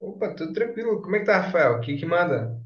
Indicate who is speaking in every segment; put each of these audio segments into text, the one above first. Speaker 1: Opa, tudo tranquilo. Como é que tá, Rafael? O que que manda?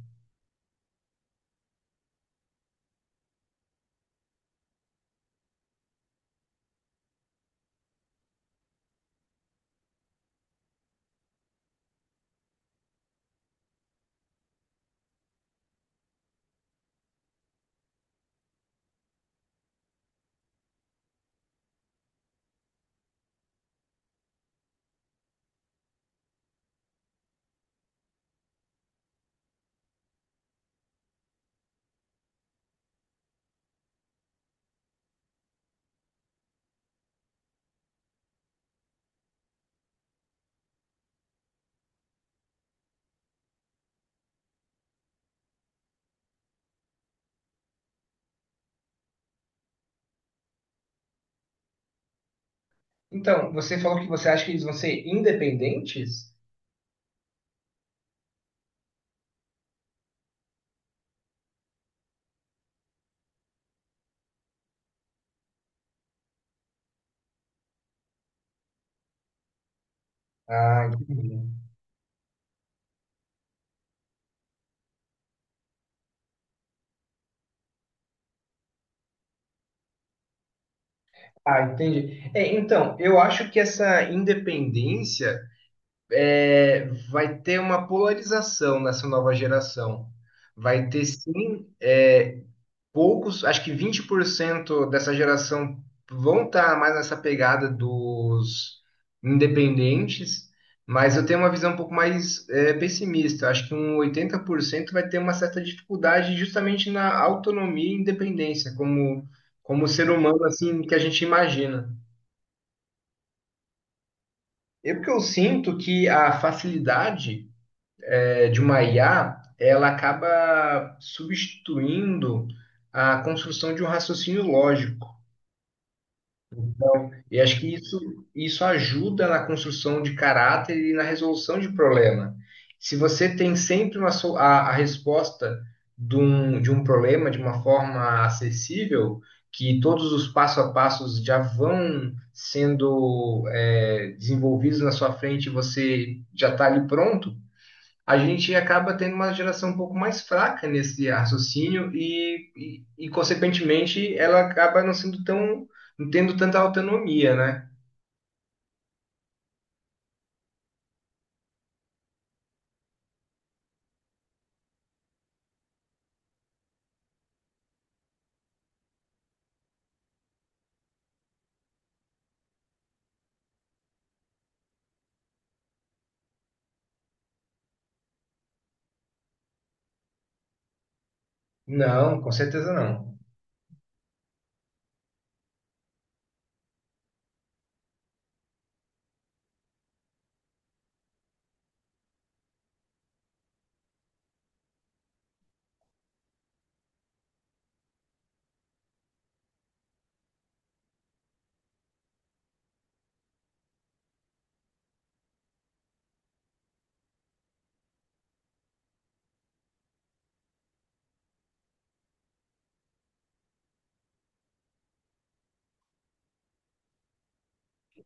Speaker 1: Então, você falou que você acha que eles vão ser independentes? Ah, entendi. Ah, entendi. É, então, eu acho que essa independência é, vai ter uma polarização nessa nova geração. Vai ter sim, poucos, acho que 20% dessa geração vão estar mais nessa pegada dos independentes, mas eu tenho uma visão um pouco mais pessimista. Acho que um 80% vai ter uma certa dificuldade justamente na autonomia e independência, como ser humano assim que a gente imagina. É porque eu sinto que a facilidade de uma IA, ela acaba substituindo a construção de um raciocínio lógico. E acho que isso ajuda na construção de caráter e na resolução de problema. Se você tem sempre a resposta de um problema de uma forma acessível, que todos os passo a passos já vão sendo desenvolvidos na sua frente e você já está ali pronto, a gente acaba tendo uma geração um pouco mais fraca nesse raciocínio e consequentemente, ela acaba não sendo tão, não tendo tanta autonomia, né? Não, com certeza não.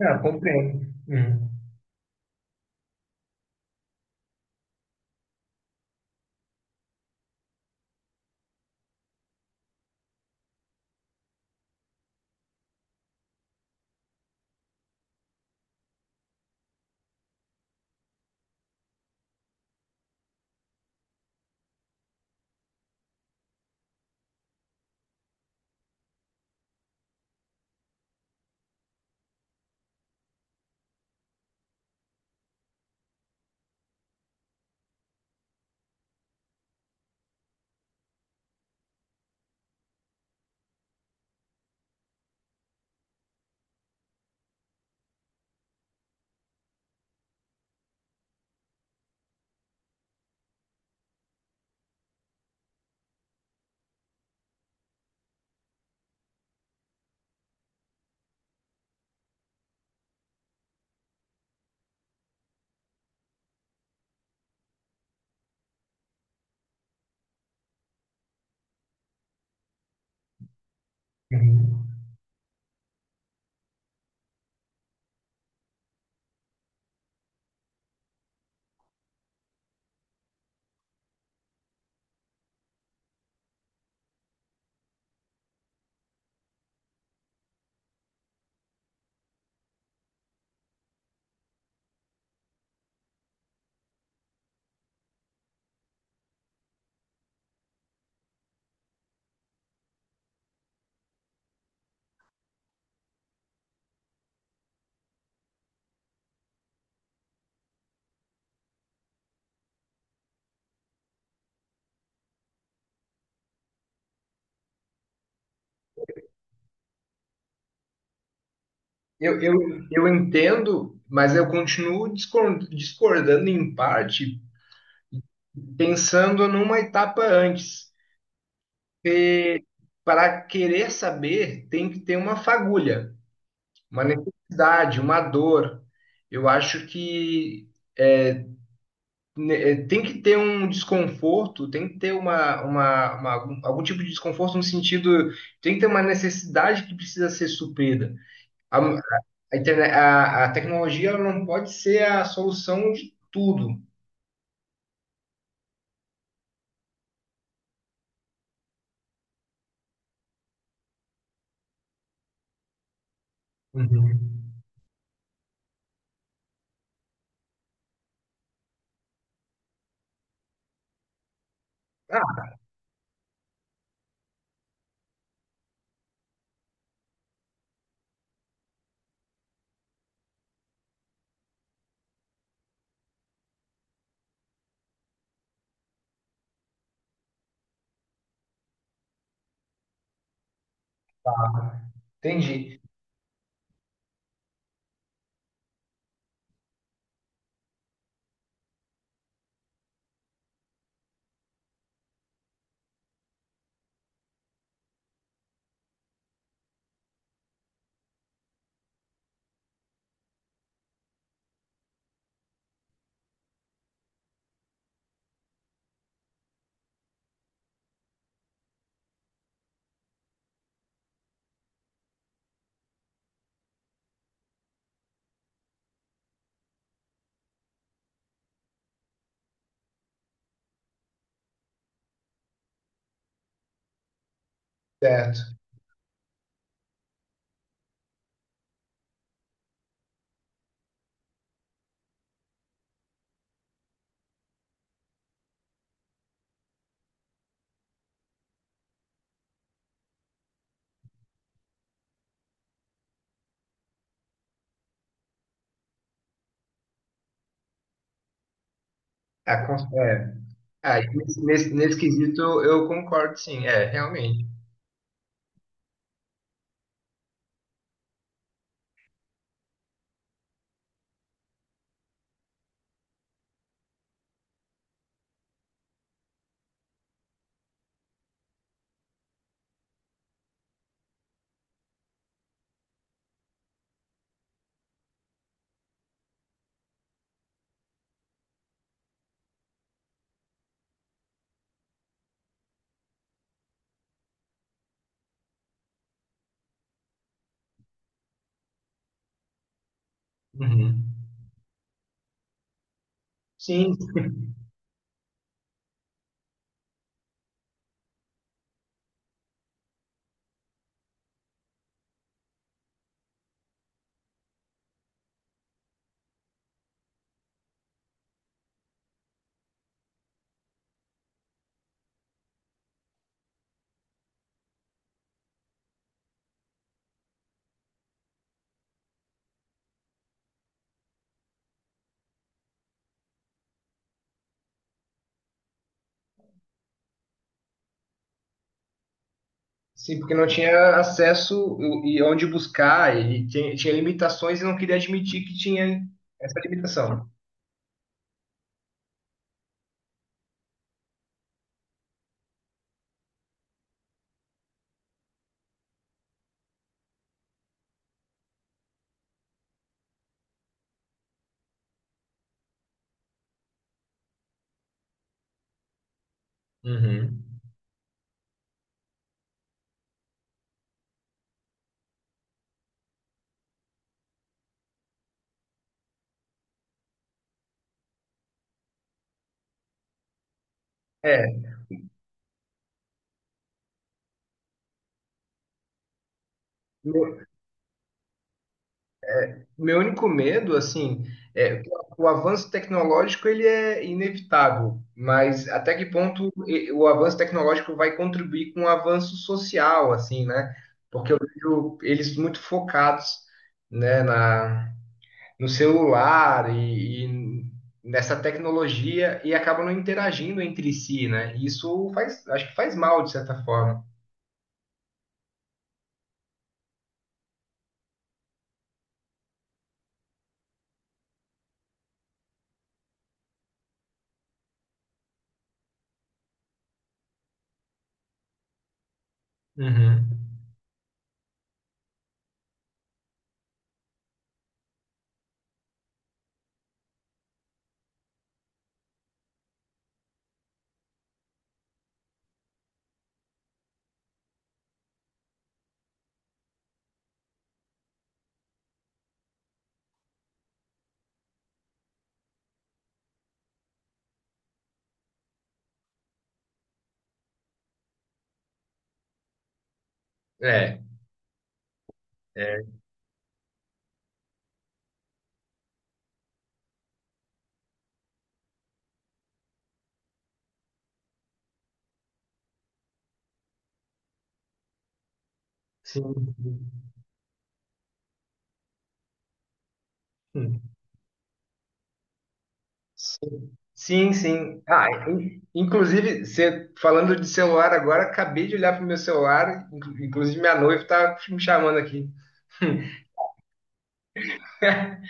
Speaker 1: Ah, compreendo. Uhum. Uhum. Eu, eu, eu entendo, mas eu continuo discordando em parte, pensando numa etapa antes. Para querer saber, tem que ter uma fagulha, uma necessidade, uma dor. Eu acho que é, tem que ter um desconforto, tem que ter algum tipo de desconforto no sentido, tem que ter uma necessidade que precisa ser suprida. A, a tecnologia ela não pode ser a solução de tudo. Uhum. Ah, entendi. Certo. A cons- é, ah, Nesse quesito eu concordo, sim, é, realmente. Uhum. Sim, sim, porque não tinha acesso e onde buscar, e tinha limitações e não queria admitir que tinha essa limitação. Uhum. É, meu único medo, assim, é que o avanço tecnológico ele é inevitável, mas até que ponto o avanço tecnológico vai contribuir com o avanço social, assim, né? Porque eu vejo eles muito focados, né, na, no celular e nessa tecnologia e acabam não interagindo entre si, né? E isso faz, acho que faz mal, de certa forma. Uhum. É, é, sim. Hum. Sim, sim. Ah, inclusive, você falando de celular agora, acabei de olhar pro meu celular, inclusive minha noiva está me chamando aqui.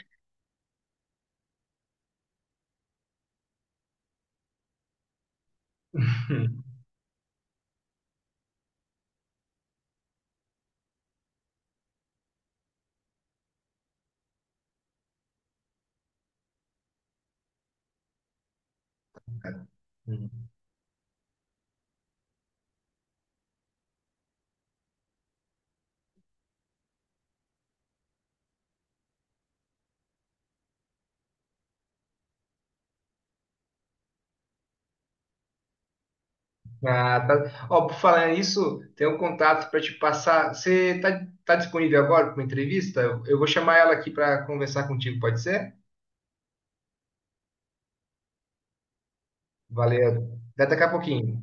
Speaker 1: Ah, tá. Ó, por falar nisso, tem um contato para te passar. Você tá disponível agora para uma entrevista? Eu vou chamar ela aqui para conversar contigo, pode ser? Valeu. Até daqui a pouquinho.